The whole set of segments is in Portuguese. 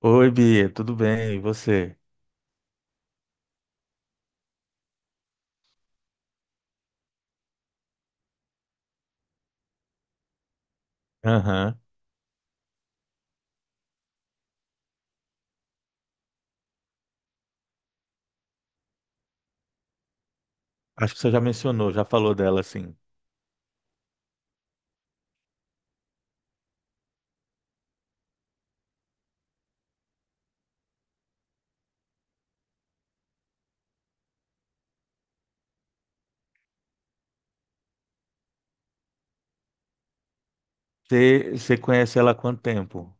Oi, Bia, tudo bem? E você? Aham. Acho que você já mencionou, já falou dela, assim. Você conhece ela há quanto tempo?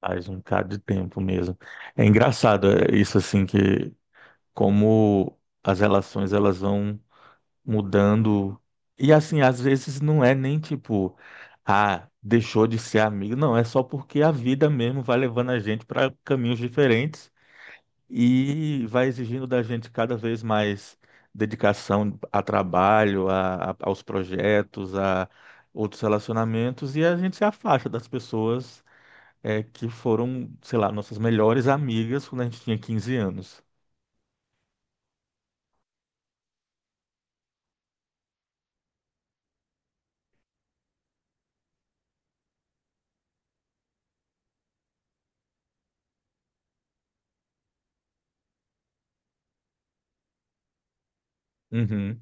Faz um bocado de tempo mesmo. É engraçado isso, assim, que como as relações elas vão mudando. E, assim, às vezes não é nem tipo, ah, deixou de ser amigo. Não, é só porque a vida mesmo vai levando a gente para caminhos diferentes. E vai exigindo da gente cada vez mais dedicação a trabalho, aos projetos, a outros relacionamentos, e a gente se afasta das pessoas é, que foram, sei lá, nossas melhores amigas quando a gente tinha 15 anos. Uhum.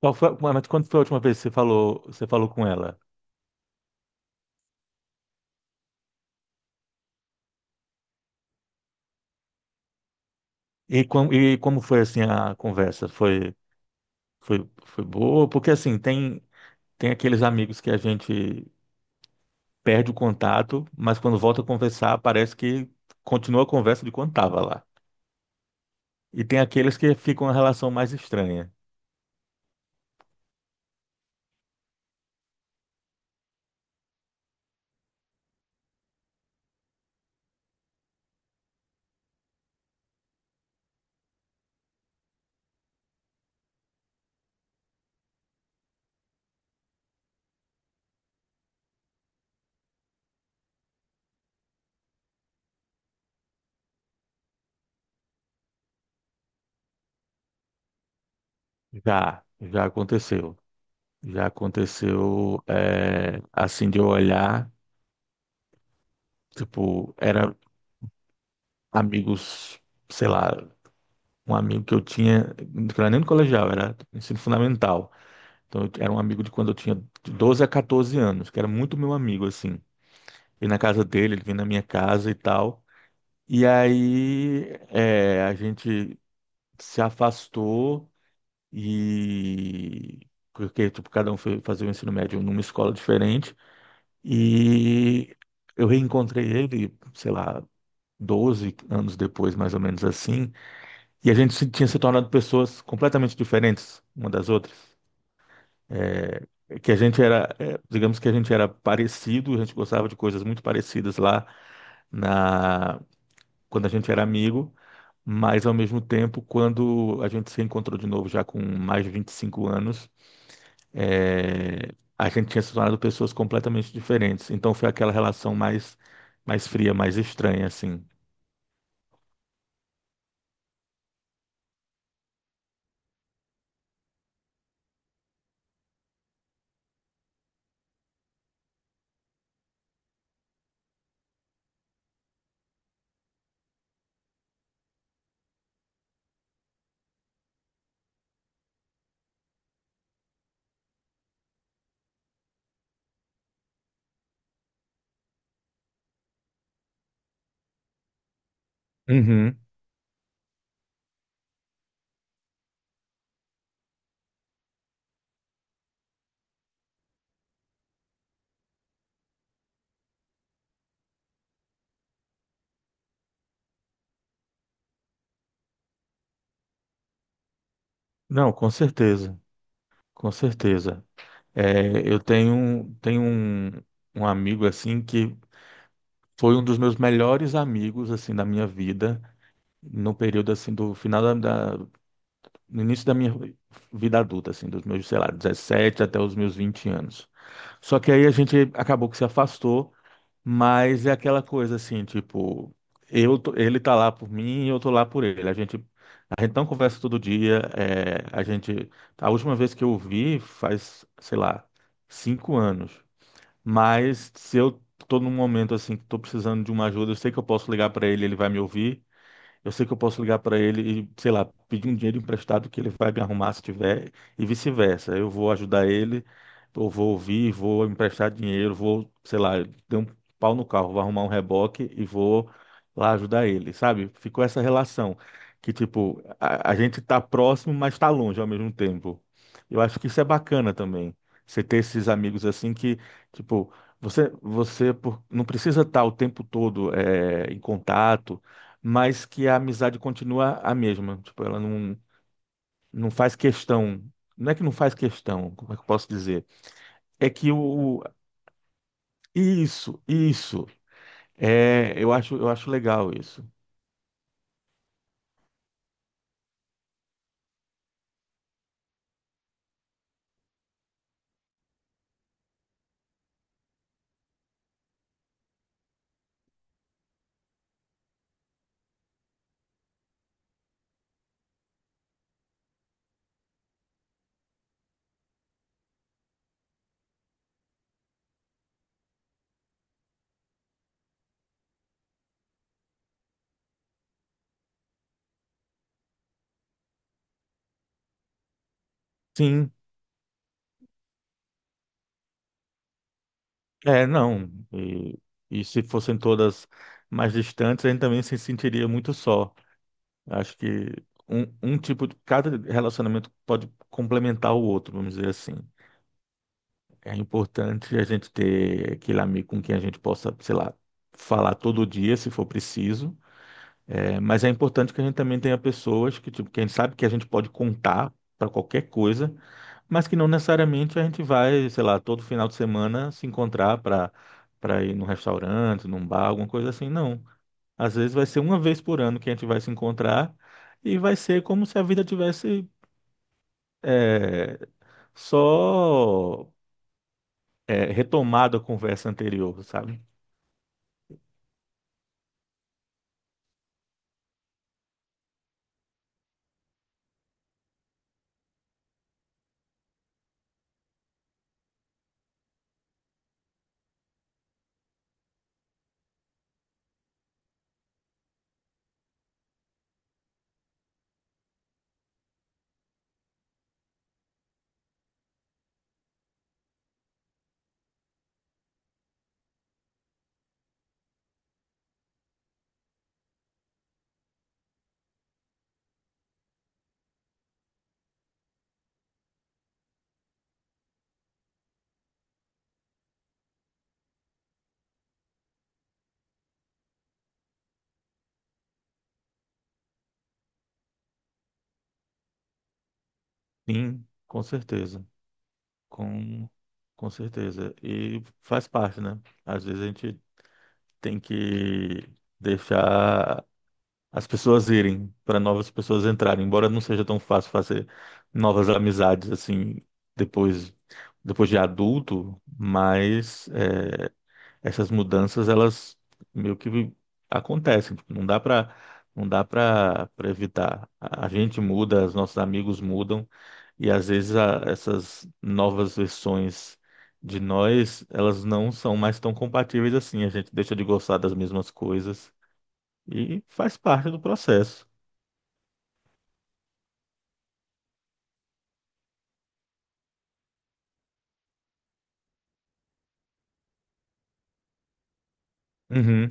Qual foi, mas quando foi a última vez que você falou com ela? E como foi assim a conversa? Foi boa? Porque assim, tem, tem aqueles amigos que a gente perde o contato, mas quando volta a conversar, parece que continua a conversa de quando estava lá. E tem aqueles que ficam uma relação mais estranha. Já aconteceu. Já aconteceu, é, assim, de eu olhar, tipo, era amigos, sei lá, um amigo que eu tinha, não era nem no colegial, era ensino fundamental. Então, eu era um amigo de quando eu tinha de 12 a 14 anos, que era muito meu amigo, assim. E na casa dele, ele vinha na minha casa e tal. E aí é, a gente se afastou e porque tipo, cada um foi fazer o ensino médio numa escola diferente e eu reencontrei ele, sei lá, 12 anos depois, mais ou menos assim, e a gente tinha se tornado pessoas completamente diferentes uma das outras. É, que a gente era, é, digamos que a gente era parecido, a gente gostava de coisas muito parecidas lá na quando a gente era amigo, mas ao mesmo tempo, quando a gente se encontrou de novo, já com mais de 25 anos, é, a gente tinha se tornado pessoas completamente diferentes. Então foi aquela relação mais, mais fria, mais estranha, assim. Uhum. Não, com certeza, com certeza. É, eu tenho, um amigo assim que foi um dos meus melhores amigos assim da minha vida no período assim do final da- no início da minha vida adulta, assim, dos meus, sei lá, 17 até os meus 20 anos. Só que aí a gente acabou que se afastou, mas é aquela coisa assim, tipo, ele tá lá por mim e eu tô lá por ele. A gente não conversa todo dia, é, a última vez que eu o vi faz, sei lá, 5 anos. Mas se eu tô num momento assim que tô precisando de uma ajuda, eu sei que eu posso ligar para ele, ele vai me ouvir. Eu sei que eu posso ligar para ele e, sei lá, pedir um dinheiro emprestado que ele vai me arrumar se tiver, e vice-versa. Eu vou ajudar ele, eu vou ouvir, vou emprestar dinheiro, vou, sei lá, dar um pau no carro, vou arrumar um reboque e vou lá ajudar ele, sabe? Ficou essa relação que, tipo, a gente tá próximo, mas tá longe ao mesmo tempo. Eu acho que isso é bacana também. Você ter esses amigos assim que, tipo, não precisa estar o tempo todo em contato, mas que a amizade continua a mesma. Tipo, ela não faz questão. Não é que não faz questão, como é que eu posso dizer? É que o. Isso, isso. É, eu acho legal isso. Sim, é, não. E se fossem todas mais distantes, a gente também se sentiria muito só. Acho que um tipo de. Cada relacionamento pode complementar o outro, vamos dizer assim. É importante a gente ter aquele amigo com quem a gente possa, sei lá, falar todo dia, se for preciso. É, mas é importante que a gente também tenha pessoas que, tipo, que a gente sabe que a gente pode contar para qualquer coisa, mas que não necessariamente a gente vai, sei lá, todo final de semana se encontrar para ir num restaurante, num bar, alguma coisa assim. Não. Às vezes vai ser uma vez por ano que a gente vai se encontrar e vai ser como se a vida tivesse, é, só é, retomado a conversa anterior, sabe? Sim, com certeza. Com, com certeza. E faz parte, né? Às vezes a gente tem que deixar as pessoas irem para novas pessoas entrarem, embora não seja tão fácil fazer novas amizades assim depois depois de adulto, mas é, essas mudanças elas meio que acontecem, tipo, não dá para evitar. A gente muda, os nossos amigos mudam e às vezes essas novas versões de nós, elas não são mais tão compatíveis assim, a gente deixa de gostar das mesmas coisas e faz parte do processo. Uhum,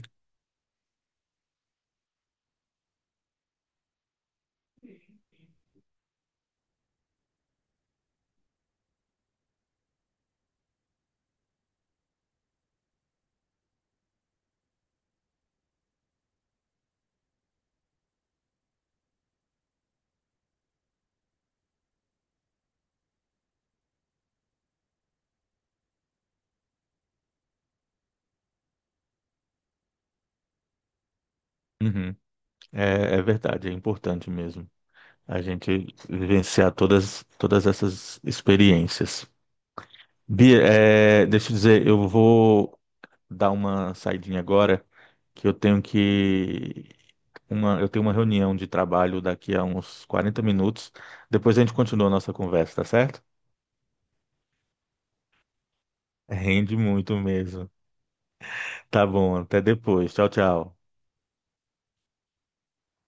uhum. É, é verdade, é importante mesmo a gente vivenciar todas essas experiências. Bia, é, deixa eu dizer, eu vou dar uma saidinha agora, que eu tenho uma reunião de trabalho daqui a uns 40 minutos. Depois a gente continua a nossa conversa, tá certo? Rende muito mesmo. Tá bom, até depois. Tchau, tchau.